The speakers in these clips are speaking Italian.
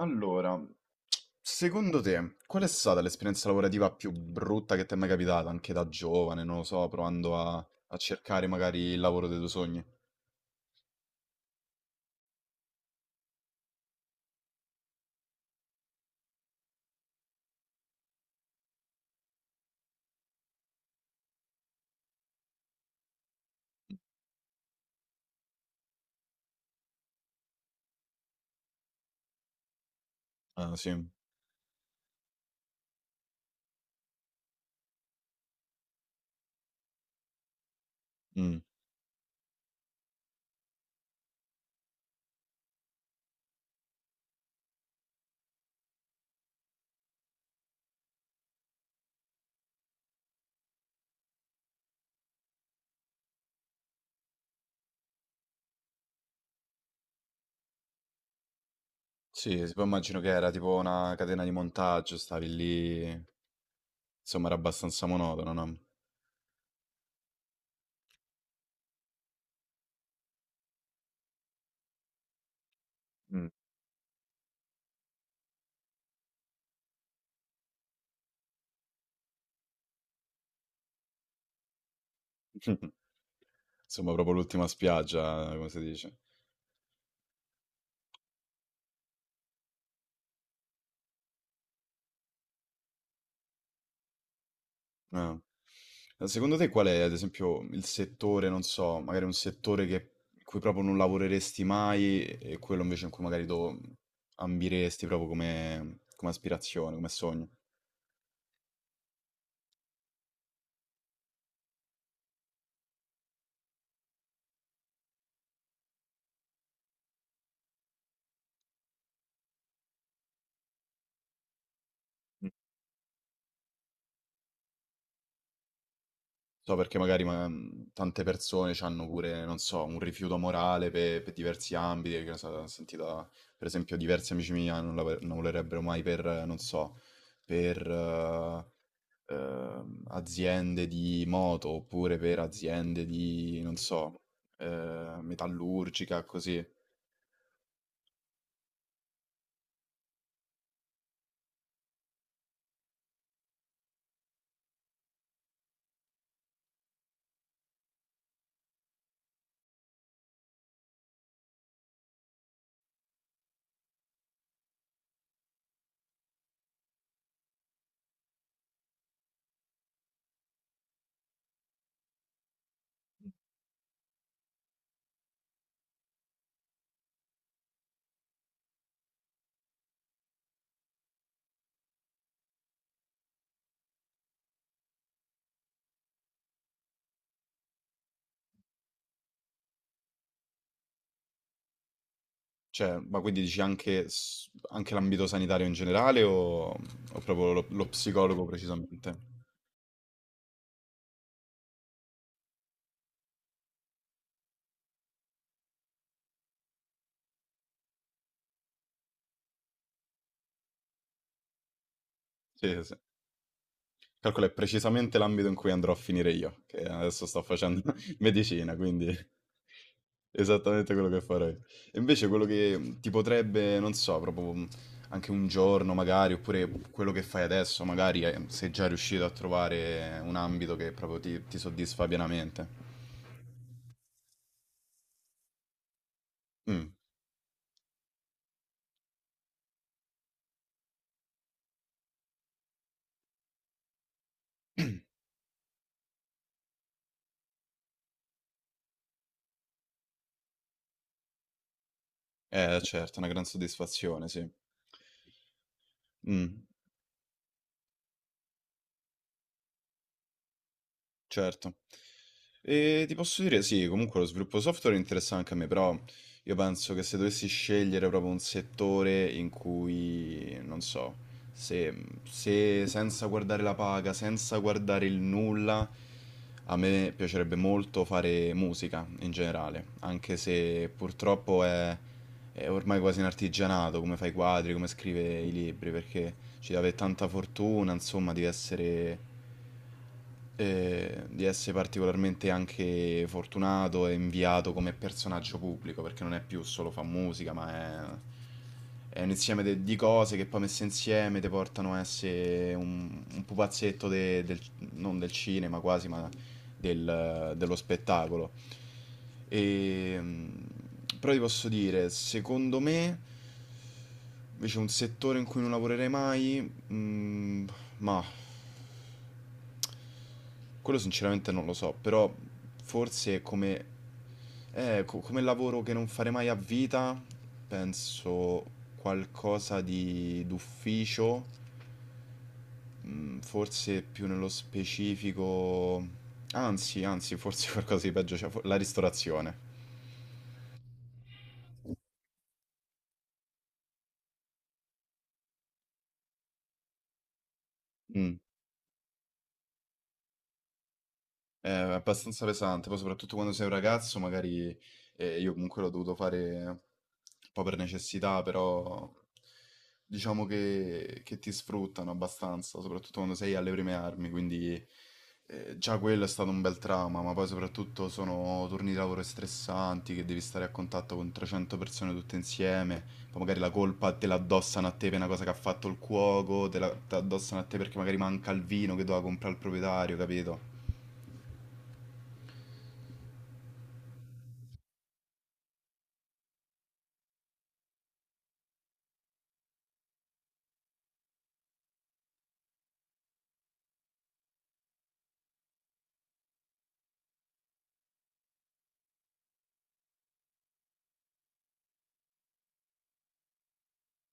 Allora, secondo te, qual è stata l'esperienza lavorativa più brutta che ti è mai capitata, anche da giovane, non lo so, provando a cercare magari il lavoro dei tuoi sogni? Ah, sì. Mm. Sì, sì, poi immagino che era tipo una catena di montaggio, stavi lì, insomma, era abbastanza monotono, no? Mm. Insomma, proprio l'ultima spiaggia, come si dice. Ah. Secondo te qual è, ad esempio, il settore, non so, magari un settore che, in cui proprio non lavoreresti mai e quello invece in cui magari tu ambiresti proprio come, come aspirazione, come sogno? So perché magari tante persone hanno pure, non so, un rifiuto morale per diversi ambiti, che ne so, ho sentito, per esempio, diversi amici miei non, non lavorerebbero mai per, non so, per, aziende di moto oppure per aziende di, non so, metallurgica, così. Cioè, ma quindi dici anche, anche l'ambito sanitario in generale o proprio lo, lo psicologo precisamente? Sì, sì, sì. Calcola, è precisamente l'ambito in cui andrò a finire io, che adesso sto facendo medicina, quindi esattamente quello che farei. E invece quello che ti potrebbe, non so, proprio anche un giorno magari, oppure quello che fai adesso, magari sei già riuscito a trovare un ambito che proprio ti soddisfa pienamente. Mm, certo, è una gran soddisfazione, sì. Mm. Certo. E ti posso dire, sì, comunque lo sviluppo software interessa anche a me, però io penso che se dovessi scegliere proprio un settore in cui, non so, se, se senza guardare la paga, senza guardare il nulla, a me piacerebbe molto fare musica in generale, anche se purtroppo è ormai quasi un artigianato, come fa i quadri, come scrive i libri, perché ci deve tanta fortuna, insomma, di essere particolarmente anche fortunato e inviato come personaggio pubblico, perché non è più solo fa musica, ma è un insieme di cose che poi messe insieme ti portano a essere un pupazzetto del, non del cinema quasi, ma dello spettacolo. E, mm, però ti posso dire, secondo me, invece un settore in cui non lavorerei mai, mm, ma quello sinceramente non lo so, però forse come, come lavoro che non farei mai a vita, penso qualcosa di d'ufficio, mm, forse più nello specifico, anzi, forse qualcosa di peggio, cioè la ristorazione. Mm. È abbastanza pesante, poi soprattutto quando sei un ragazzo, magari io comunque l'ho dovuto fare un po' per necessità, però diciamo che ti sfruttano abbastanza, soprattutto quando sei alle prime armi, quindi già quello è stato un bel trauma, ma poi soprattutto sono turni di lavoro stressanti, che devi stare a contatto con 300 persone tutte insieme, poi magari la colpa te la addossano a te per una cosa che ha fatto il cuoco, te la addossano a te perché magari manca il vino che doveva comprare il proprietario, capito?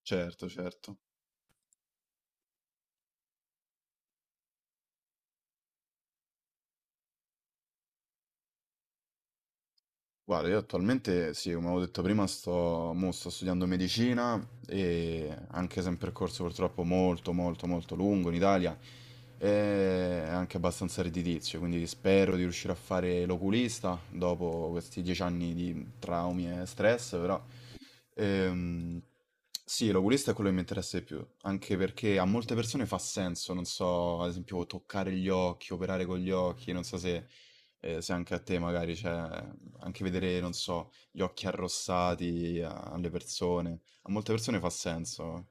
Certo, certo. Guarda, io attualmente, sì, come avevo detto prima, sto, mo sto studiando medicina e anche se è un percorso purtroppo molto, molto, molto lungo in Italia e anche abbastanza redditizio, quindi spero di riuscire a fare l'oculista dopo questi 10 anni di traumi e stress, però ehm, sì, l'oculista è quello che mi interessa di più, anche perché a molte persone fa senso, non so, ad esempio toccare gli occhi, operare con gli occhi, non so se eh, se anche a te magari c'è, anche vedere, non so, gli occhi arrossati alle persone, a molte persone fa senso.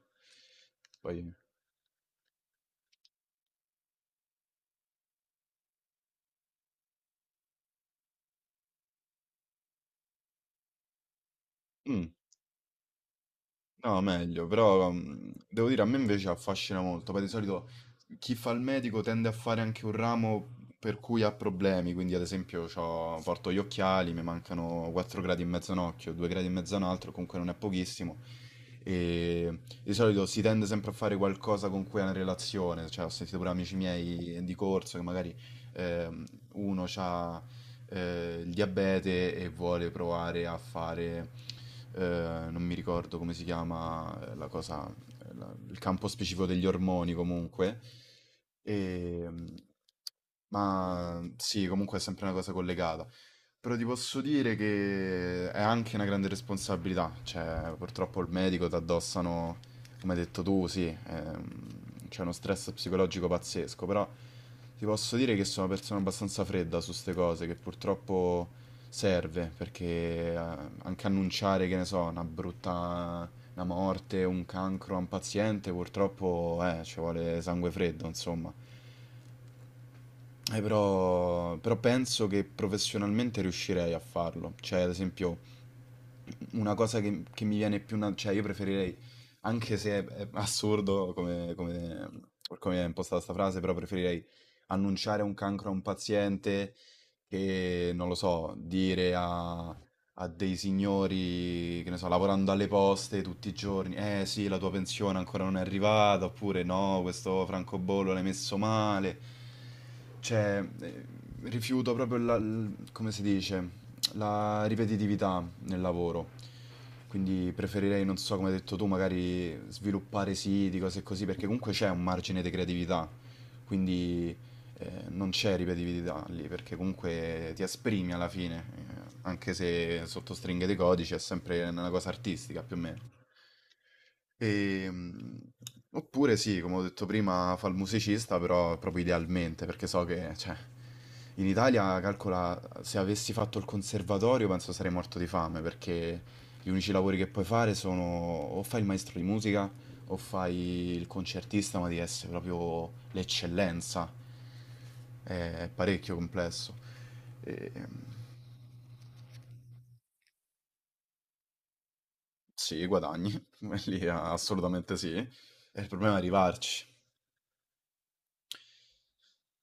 Poi... Mm. No, meglio, però devo dire, a me invece affascina molto, poi di solito chi fa il medico tende a fare anche un ramo per cui ha problemi, quindi ad esempio porto gli occhiali, mi mancano 4 gradi e mezzo a un occhio, 2 gradi e mezzo a un altro, comunque non è pochissimo, e di solito si tende sempre a fare qualcosa con cui ha una relazione, cioè ho sentito pure amici miei di corso che magari ehm, uno ha il diabete e vuole provare a fare, eh, non mi ricordo come si chiama la cosa, il campo specifico degli ormoni comunque. E, ma sì, comunque è sempre una cosa collegata. Però ti posso dire che è anche una grande responsabilità, cioè purtroppo il medico ti addossano come hai detto tu, sì, c'è uno stress psicologico pazzesco, però ti posso dire che sono una persona abbastanza fredda su queste cose, che purtroppo serve, perché eh, anche annunciare, che ne so, una brutta, una morte, un cancro a un paziente, purtroppo ci vuole sangue freddo, insomma. Però penso che professionalmente riuscirei a farlo, cioè ad esempio una cosa che mi viene più... cioè io preferirei, anche se è, è assurdo come, come, come è impostata sta frase, però preferirei annunciare un cancro a un paziente che, non lo so, dire a, a dei signori, che ne so, lavorando alle poste tutti i giorni, eh sì, la tua pensione ancora non è arrivata, oppure no, questo francobollo l'hai messo male. Cioè, rifiuto proprio la, come si dice? La ripetitività nel lavoro, quindi preferirei, non so come hai detto tu, magari sviluppare siti, cose così, perché comunque c'è un margine di creatività, quindi non c'è ripetitività lì, perché comunque ti esprimi alla fine, anche se sotto stringhe di codice è sempre una cosa artistica più o meno. Ehm, oppure sì, come ho detto prima, fa il musicista, però proprio idealmente, perché so che, cioè, in Italia, calcola, se avessi fatto il conservatorio penso sarei morto di fame, perché gli unici lavori che puoi fare sono o fai il maestro di musica o fai il concertista, ma devi essere proprio l'eccellenza. È è parecchio complesso. Ehm, sì, guadagni, quelli assolutamente sì. E il problema è arrivarci.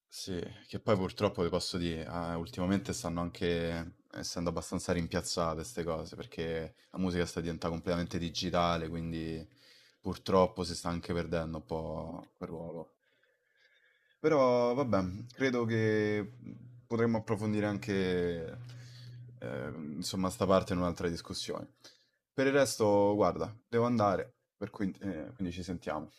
Sì, che poi purtroppo vi posso dire, ah, ultimamente stanno anche essendo abbastanza rimpiazzate queste cose, perché la musica sta diventando completamente digitale, quindi purtroppo si sta anche perdendo un po' quel ruolo. Però vabbè, credo che potremmo approfondire anche insomma sta parte in un'altra discussione. Per il resto, guarda, devo andare, per cui, quindi ci sentiamo.